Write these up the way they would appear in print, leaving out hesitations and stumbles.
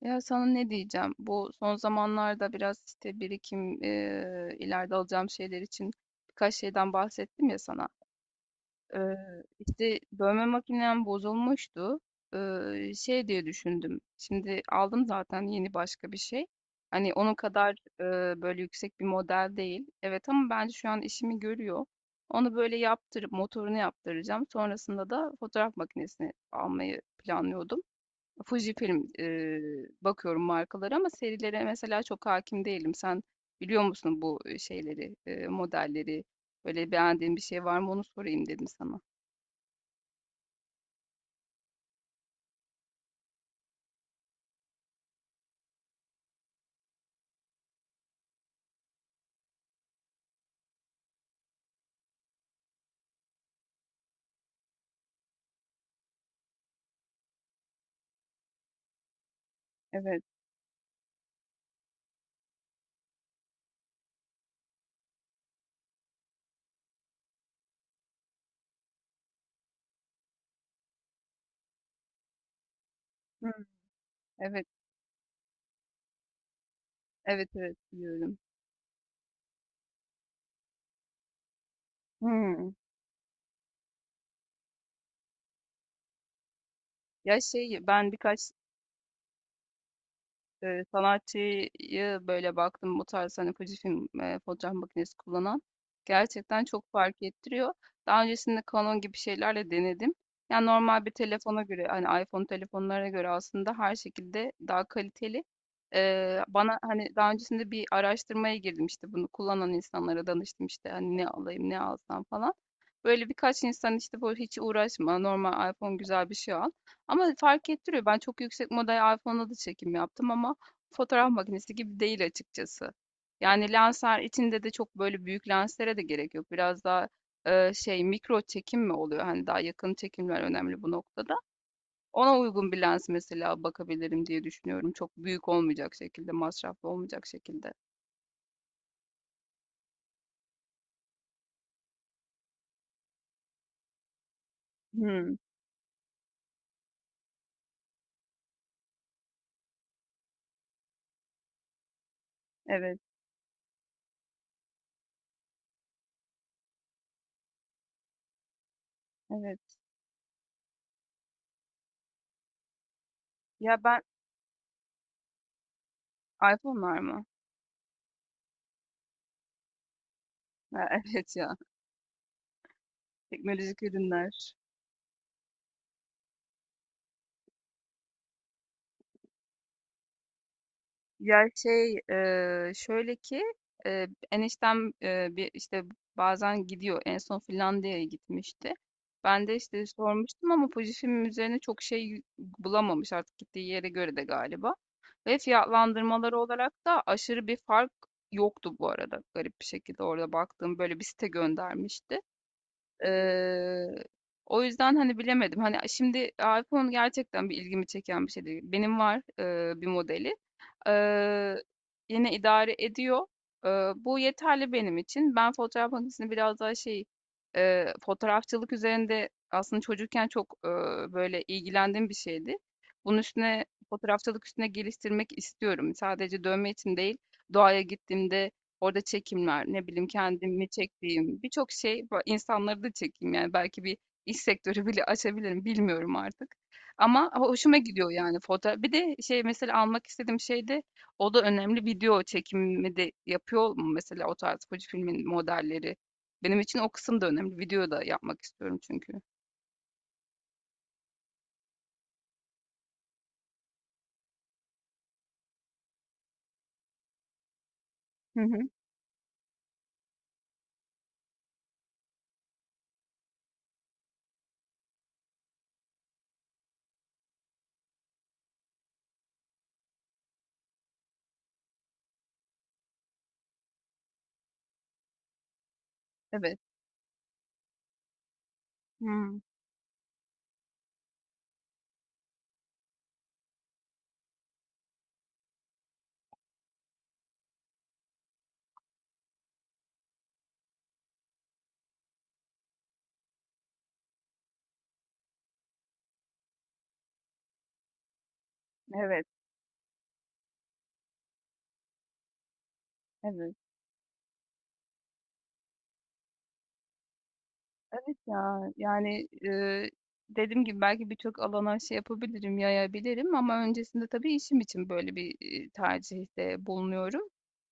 Ya, sana ne diyeceğim? Bu son zamanlarda biraz işte birikim, ileride alacağım şeyler için birkaç şeyden bahsettim ya sana. Eee işte dövme makinem bozulmuştu. Şey diye düşündüm. Şimdi aldım zaten yeni başka bir şey. Hani onun kadar böyle yüksek bir model değil. Evet, ama bence şu an işimi görüyor. Onu böyle yaptırıp motorunu yaptıracağım. Sonrasında da fotoğraf makinesini almayı planlıyordum. Fujifilm, bakıyorum markalara ama serilere mesela çok hakim değilim. Sen biliyor musun bu şeyleri, modelleri? Böyle beğendiğin bir şey var mı onu sorayım dedim sana. Evet. Hıı. Evet. Evet, evet, biliyorum. Hıı. Ya, şey, ben birkaç sanatçıyı böyle baktım bu tarz, hani Fujifilm, fotoğraf makinesi kullanan, gerçekten çok fark ettiriyor. Daha öncesinde Canon gibi şeylerle denedim. Yani normal bir telefona göre, hani iPhone telefonlarına göre aslında her şekilde daha kaliteli. Bana hani daha öncesinde bir araştırmaya girdim, işte bunu kullanan insanlara danıştım, işte hani ne alayım, ne alsam falan. Böyle birkaç insan işte, bu hiç uğraşma, normal iPhone, güzel bir şey al. Ama fark ettiriyor. Ben çok yüksek model iPhone'la da çekim yaptım ama fotoğraf makinesi gibi değil açıkçası. Yani lensler içinde de çok böyle büyük lenslere de gerek yok. Biraz daha şey, mikro çekim mi oluyor? Hani daha yakın çekimler önemli bu noktada. Ona uygun bir lens mesela bakabilirim diye düşünüyorum. Çok büyük olmayacak şekilde, masraflı olmayacak şekilde. Hmm, evet, evet. Ya ben iPhone'lar mı? Ha, evet ya, teknolojik ürünler. Ya şey, şöyle ki, eniştem bir işte bazen gidiyor. En son Finlandiya'ya gitmişti. Ben de işte sormuştum ama Fujifilm üzerine çok şey bulamamış, artık gittiği yere göre de galiba. Ve fiyatlandırmaları olarak da aşırı bir fark yoktu bu arada, garip bir şekilde, orada baktığım böyle bir site göndermişti. Eee, o yüzden hani bilemedim. Hani şimdi iPhone gerçekten bir ilgimi çeken bir şey değil. Benim var bir modeli. Eee, yine idare ediyor. Bu yeterli benim için. Ben fotoğraf makinesini biraz daha şey, fotoğrafçılık üzerinde, aslında çocukken çok böyle ilgilendiğim bir şeydi. Bunun üstüne, fotoğrafçılık üstüne geliştirmek istiyorum. Sadece dövme için değil, doğaya gittiğimde orada çekimler, ne bileyim, kendimi çektiğim birçok şey, insanları da çekeyim, yani belki bir iş sektörü bile açabilirim, bilmiyorum artık. Ama hoşuma gidiyor yani foto. Bir de şey mesela, almak istediğim şey de, o da önemli, video çekimi de yapıyor mu mesela o tarz Fuji filmin modelleri? Benim için o kısım da önemli. Video da yapmak istiyorum çünkü. Hı hı. Evet. Hmm, evet. Evet. Evet ya, yani dediğim gibi belki birçok alana şey yapabilirim, yayabilirim, ama öncesinde tabii işim için böyle bir tercihte bulunuyorum.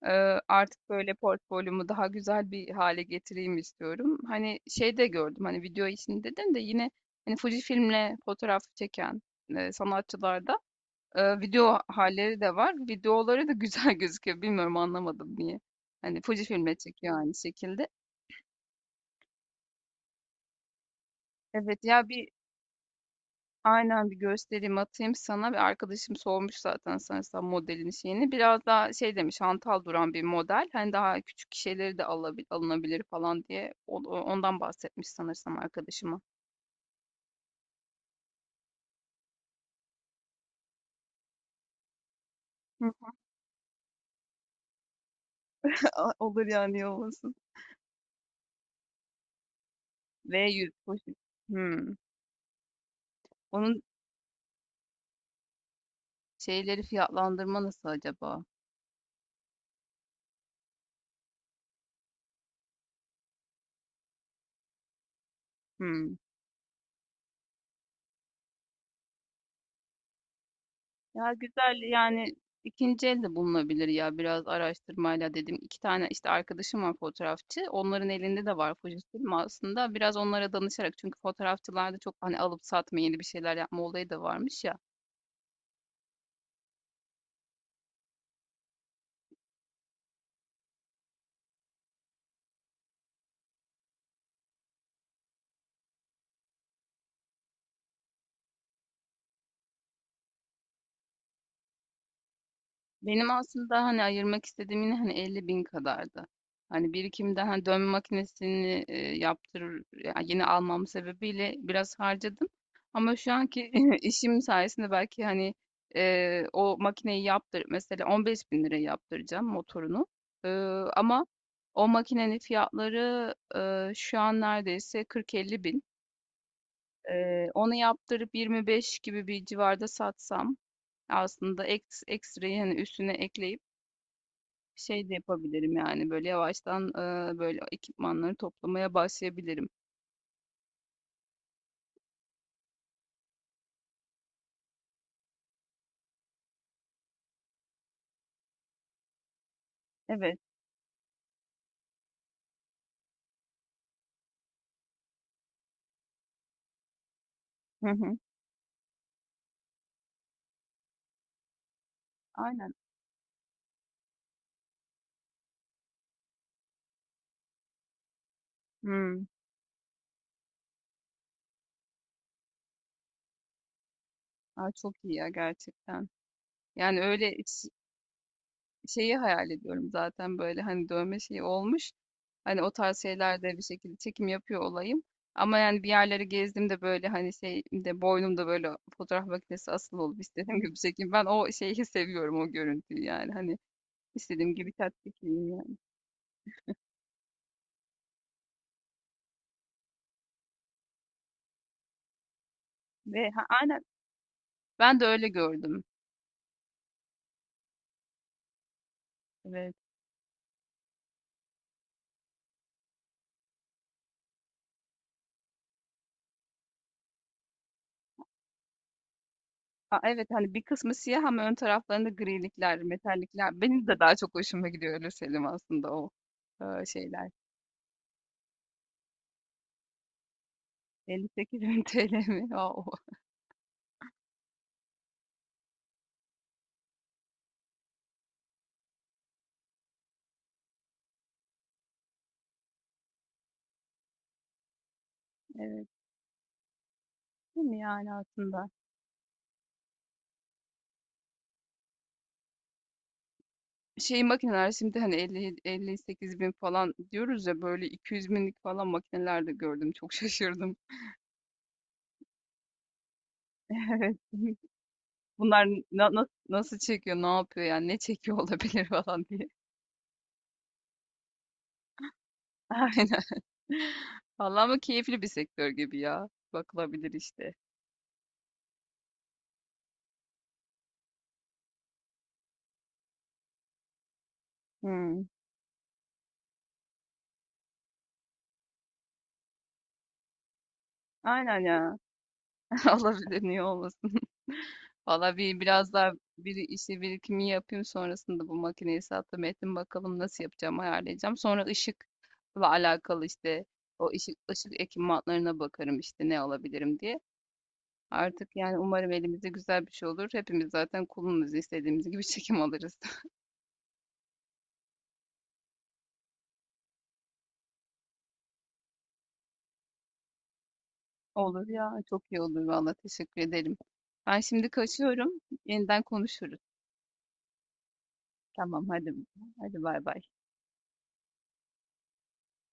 Artık böyle portfolyomu daha güzel bir hale getireyim istiyorum. Hani şey de gördüm, hani video işini dedin de, yine hani Fujifilm'le fotoğraf çeken sanatçılarda video halleri de var. Videoları da güzel gözüküyor. Bilmiyorum, anlamadım niye. Hani Fujifilm'le çekiyor aynı şekilde. Evet ya. Aynen, bir göstereyim, atayım sana. Bir arkadaşım sormuş zaten sanırsam modelin şeyini. Biraz daha şey demiş, hantal duran bir model. Hani daha küçük şeyleri de alınabilir falan diye ondan bahsetmiş sanırsam arkadaşıma. Olur, yani, iyi olmasın. V100 poşet. Hmm. Onun şeyleri, fiyatlandırma nasıl acaba? Hmm. Ya güzel yani, ikinci el de bulunabilir ya, biraz araştırmayla dedim. İki tane işte arkadaşım var fotoğrafçı. Onların elinde de var Fuji aslında. Biraz onlara danışarak, çünkü fotoğrafçılarda çok hani alıp satma, yeni bir şeyler yapma olayı da varmış ya. Benim aslında hani ayırmak istediğim yine hani 50 bin kadardı. Hani birikimde, hani dövme makinesini yaptırır ya, yeni almam sebebiyle biraz harcadım. Ama şu anki işim sayesinde belki hani o makineyi yaptır mesela, 15 bin liraya yaptıracağım motorunu. E, ama o makinenin fiyatları şu an neredeyse 40-50 bin. Onu yaptırıp 25 gibi bir civarda satsam, aslında ekstrayı hani üstüne ekleyip şey de yapabilirim, yani, böyle, yavaştan, böyle, ekipmanları toplamaya başlayabilirim. Evet. Hı hı. Aynen. Hımm. A, çok iyi ya gerçekten. Yani, öyle, şeyi hayal ediyorum zaten, böyle, hani, dövme şeyi olmuş, hani, o tarz şeylerde bir şekilde çekim yapıyor olayım, ama, yani, bir yerleri gezdiğimde, böyle, hani, şeyimde, boynumda, böyle, fotoğraf makinesi asılı olup istediğim gibi çekeyim. Ben o şeyi seviyorum, o görüntüyü, yani, hani, istediğim gibi tat çekeyim, yani. Ha, aynen. Ben de öyle gördüm. Evet. A, evet, hani bir kısmı siyah ama ön taraflarında grilikler, metallikler. Benim de daha çok hoşuma gidiyor, öyle söyleyeyim aslında o şeyler. 58 bin TL mi? Oo, evet, değil mi yani aslında? Şey makineler şimdi hani 50, 58 bin falan diyoruz ya, böyle 200 binlik falan makineler de gördüm. Çok şaşırdım. Evet. Bunlar nasıl çekiyor, ne yapıyor, yani ne çekiyor olabilir falan diye. Aynen. Vallahi ama keyifli bir sektör gibi ya. Bakılabilir işte. Hmm. Aynen ya. Olabilir, niye olmasın. Valla bir, biraz daha bir işi birikimi yapayım, sonrasında bu makineyi sattım ettim bakalım nasıl yapacağım, ayarlayacağım. Sonra ışıkla alakalı işte o ışık ekipmanlarına bakarım işte ne alabilirim diye. Artık yani umarım elimizde güzel bir şey olur. Hepimiz zaten kulumuz istediğimiz gibi çekim alırız. Olur ya, çok iyi olur valla, teşekkür ederim. Ben şimdi kaçıyorum. Yeniden konuşuruz. Tamam, hadi, hadi, bay bay.